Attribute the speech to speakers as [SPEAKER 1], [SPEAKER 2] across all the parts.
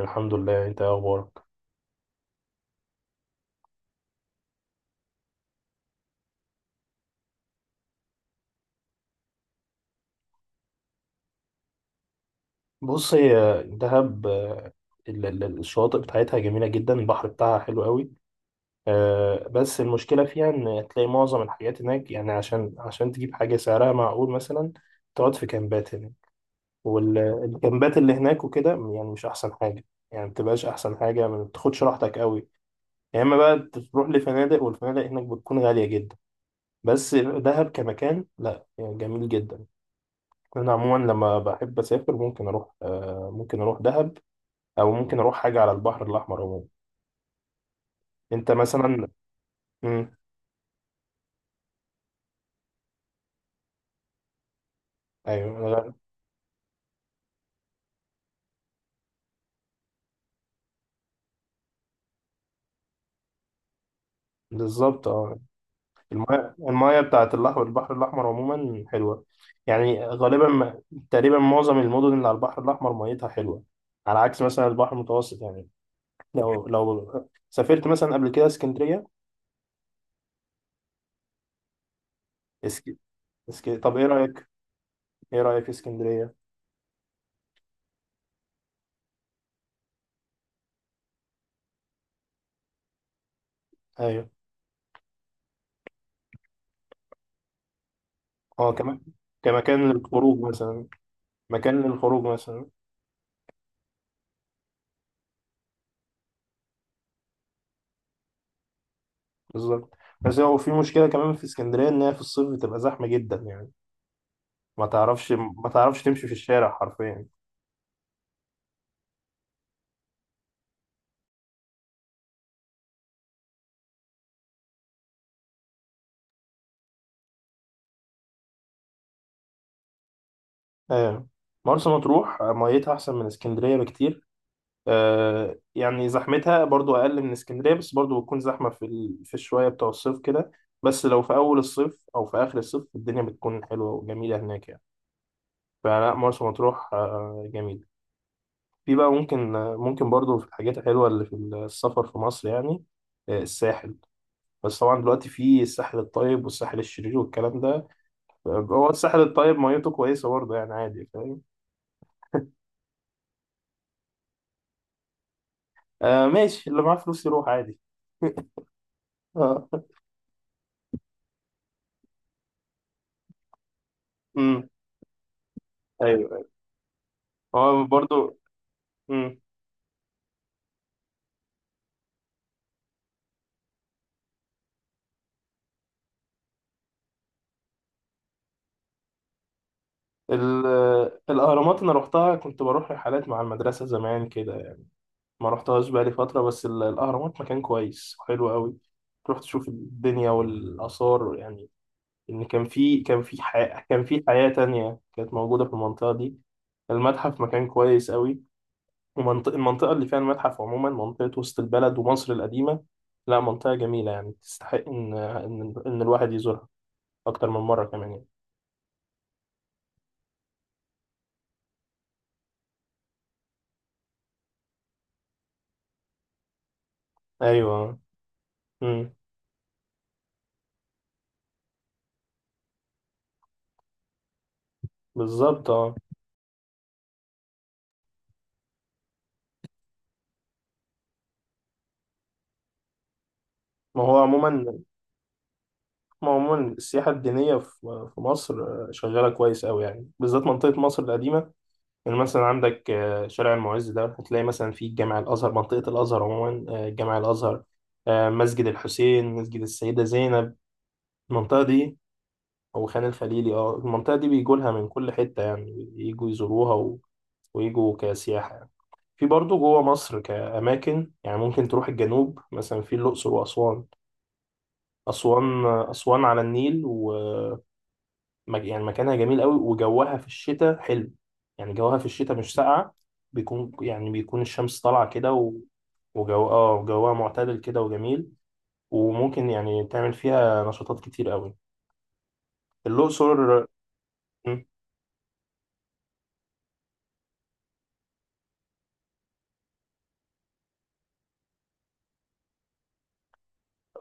[SPEAKER 1] الحمد لله. انت ايه اخبارك؟ بص، هي دهب الشواطئ بتاعتها جميله جدا، البحر بتاعها حلو قوي. بس المشكله فيها ان تلاقي معظم الحاجات هناك، يعني عشان تجيب حاجه سعرها معقول مثلا، تقعد في كامبات هناك. والكامبات اللي هناك وكده يعني مش احسن حاجه، يعني ما بتبقاش احسن حاجه، ما بتاخدش راحتك قوي، يا اما بقى تروح لفنادق، والفنادق هناك بتكون غاليه جدا. بس دهب كمكان، لا يعني جميل جدا. انا عموما لما بحب اسافر ممكن اروح، ممكن اروح دهب او ممكن اروح حاجه على البحر الاحمر عموما. انت مثلا؟ امم، ايوه، بالظبط اه. المايه بتاعت البحر الاحمر عموما حلوه، يعني غالبا ما- تقريبا معظم المدن اللي على البحر الاحمر ميتها حلوه، على عكس مثلا البحر المتوسط. يعني لو سافرت مثلا قبل كده اسكندريه. اسك... طب ايه رايك، ايه رايك في اسكندريه؟ ايوه، اه كمان، كمكان للخروج مثلا، مكان للخروج مثلا. بالظبط. بس هو في مشكلة كمان في اسكندرية، إن هي في الصيف بتبقى زحمة جدا، يعني ما تعرفش، ما تعرفش تمشي في الشارع حرفيا. آه. مرسى مطروح ميتها أحسن من اسكندرية بكتير. يعني زحمتها برضو أقل من اسكندرية، بس برضو بتكون زحمة في في الشوية بتوع الصيف كده. بس لو في أول الصيف أو في آخر الصيف الدنيا بتكون حلوة وجميلة هناك يعني. فلا مرسى مطروح آه جميلة. في بقى ممكن، ممكن برضو في الحاجات الحلوة اللي في السفر في مصر، الساحل. بس طبعا دلوقتي في الساحل الطيب والساحل الشرير والكلام ده. هو الساحل الطيب ميته كويسه برضه، يعني عادي فاهم. آه ماشي، اللي معاه فلوس يروح عادي. اه، امم، ايوه، هو برضه، امم. ال- الاهرامات انا روحتها، كنت بروح رحلات مع المدرسه زمان كده يعني. ما روحتهاش بقالي فتره، بس الاهرامات مكان كويس وحلو قوي، تروح تشوف الدنيا والاثار. يعني ان كان، في كان في حياه كان في حياه تانية كانت موجوده في المنطقه دي. المتحف مكان كويس قوي. المنطقة اللي فيها المتحف عموما منطقة وسط البلد ومصر القديمة، لا منطقة جميلة، يعني تستحق إن الواحد يزورها أكتر من مرة كمان يعني. أيوه. أمم، بالظبط أه. ما هو عموما ما هو عموما السياحة الدينية في في مصر، شغالة كويس أوي، يعني بالذات منطقة مصر القديمة. يعني مثلا عندك شارع المعز ده، هتلاقي مثلا فيه جامع الأزهر، منطقة الأزهر عموما، جامع الأزهر، مسجد الحسين، مسجد السيدة زينب، المنطقة دي او خان الخليلي. اه المنطقه دي بيجولها من كل حته، يعني يجوا يزوروها و... ويجوا كسياحه يعني. في برضه جوه مصر كأماكن يعني ممكن تروح الجنوب، مثلا في الأقصر وأسوان. أسوان على النيل و يعني مكانها جميل قوي، وجوها في الشتاء حلو، يعني جوها في الشتاء مش ساقعة، بيكون الشمس طالعة كده، و... وجو اه جوها معتدل كده وجميل، وممكن يعني تعمل فيها نشاطات كتير قوي. الأقصر،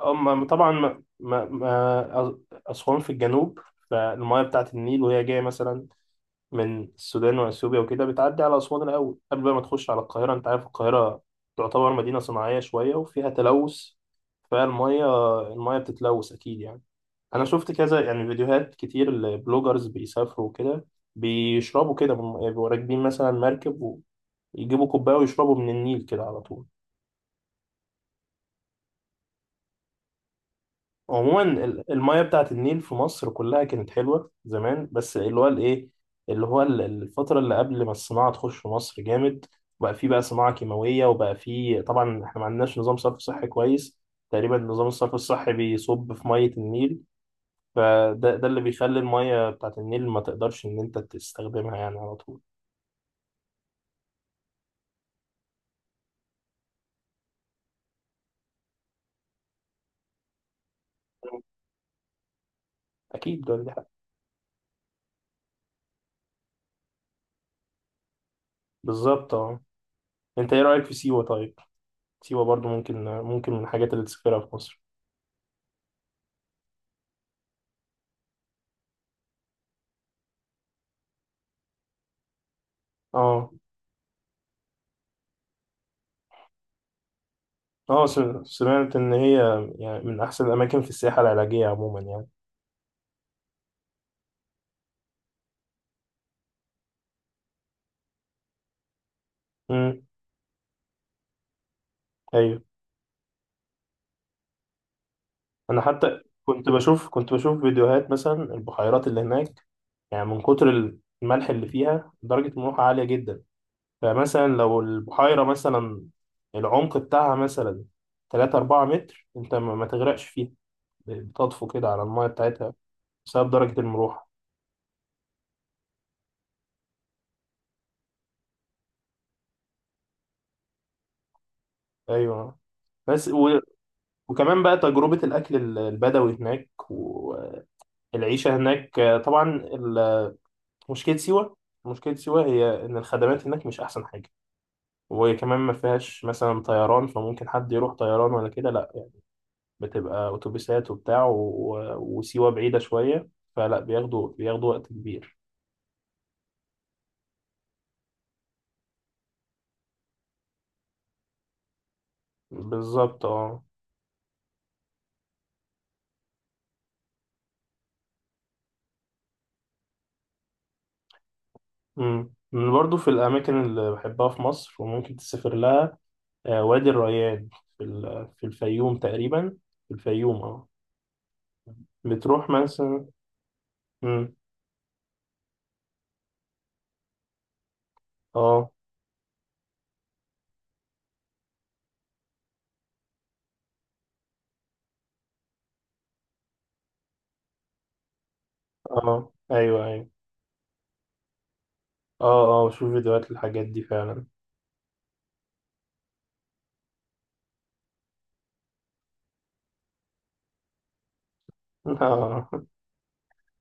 [SPEAKER 1] هم طبعا ما ما ما أسوان في الجنوب، فالمياه بتاعة النيل وهي جاية مثلا من السودان وأثيوبيا وكده، بتعدي على أسوان الأول قبل بقى ما تخش على القاهرة. أنت عارف القاهرة تعتبر مدينة صناعية شوية وفيها تلوث، المياه بتتلوث أكيد يعني. أنا شفت كذا يعني فيديوهات كتير البلوجرز بيسافروا وكده، بيشربوا كده، بيبقوا راكبين مثلا مركب ويجيبوا كوباية ويشربوا من النيل كده على طول. عموما المياه بتاعت النيل في مصر كلها كانت حلوة زمان، بس اللي هو الايه، اللي هو الفترة اللي قبل ما الصناعة تخش في مصر جامد، بقى في، بقى صناعة كيماوية، وبقى في طبعا احنا ما عندناش نظام صرف صحي كويس، تقريبا نظام الصرف الصحي بيصب في مية النيل. ده اللي بيخلي المية بتاعت النيل ما تقدرش ان انت تستخدمها يعني على طول. اكيد ده اللي حق. بالظبط اه. انت ايه رأيك في سيوة طيب؟ سيوة برضو ممكن، ممكن من الحاجات اللي تسافرها في مصر. اه، اه سمعت ان هي يعني من احسن الاماكن في السياحه العلاجيه عموما يعني. امم، ايوه. انا حتى كنت بشوف فيديوهات مثلا البحيرات اللي هناك، يعني من كتر الملح اللي فيها درجه الملوحه عاليه جدا. فمثلا لو البحيره مثلا العمق بتاعها مثلا 3 4 متر، انت ما ما تغرقش فيها، بتطفو كده على الميه بتاعتها بسبب درجه الملوحه. ايوه. بس و... وكمان بقى تجربه الاكل البدوي هناك، العيشة هناك. مشكلة سيوة، مشكلة سيوة هي إن الخدمات هناك مش أحسن حاجة، وكمان ما فيهاش مثلا طيران، فممكن حد يروح طيران؟ ولا كده لا يعني، بتبقى أتوبيسات وبتاع، و... وسيوة بعيدة شوية، فلا بياخدوا، بياخدوا وقت كبير. بالظبط اه. أمم. من برضو في الأماكن اللي بحبها في مصر وممكن تسافر لها، وادي الريان، في في الفيوم تقريبا، في الفيوم اه. بتروح مثلا، أمم، اه اه، ايوه ايوه، اه اه بشوف فيديوهات الحاجات دي فعلا. آه.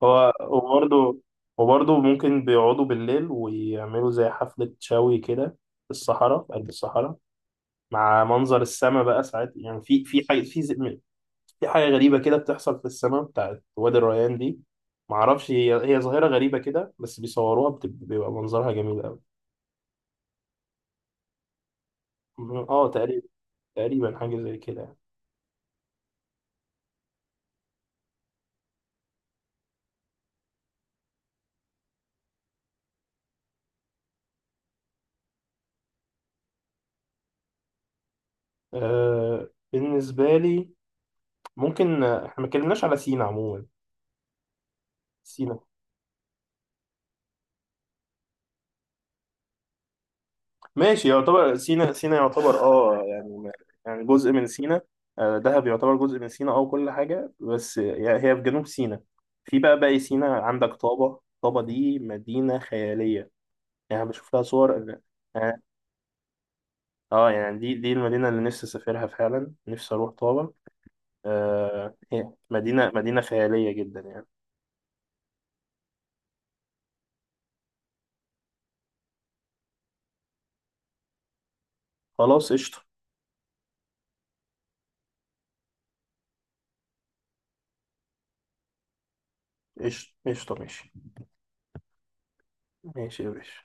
[SPEAKER 1] هو وبرضه، وبرضه ممكن بيقعدوا بالليل ويعملوا زي حفلة شوي كده، في الصحراء، في قلب الصحراء، مع منظر السماء. بقى ساعات يعني في، في حاجة غريبة كده بتحصل في السماء بتاعت وادي الريان دي. معرفش هي ظاهرة غريبة كده، بس بيصوروها بيبقى منظرها جميل أوي. اه تقريبا، تقريبا حاجة زي كده يعني. آه بالنسبة لي، ممكن احنا ما اتكلمناش على سينا عموما. سينا، ماشي، يعتبر سينا، سينا يعتبر اه يعني، يعني جزء من سينا، دهب يعتبر جزء من سينا اه، كل حاجة، بس يعني هي في جنوب سينا. في بقى باقي سينا عندك طابة. طابة دي مدينة خيالية، يعني أنا بشوف لها صور اه. يعني دي المدينة اللي نفسي اسافرها فعلا، نفسي اروح طابة. آه هي مدينة خيالية جدا يعني. خلاص قشطة. قشطة ماشي، ماشي يا باشا.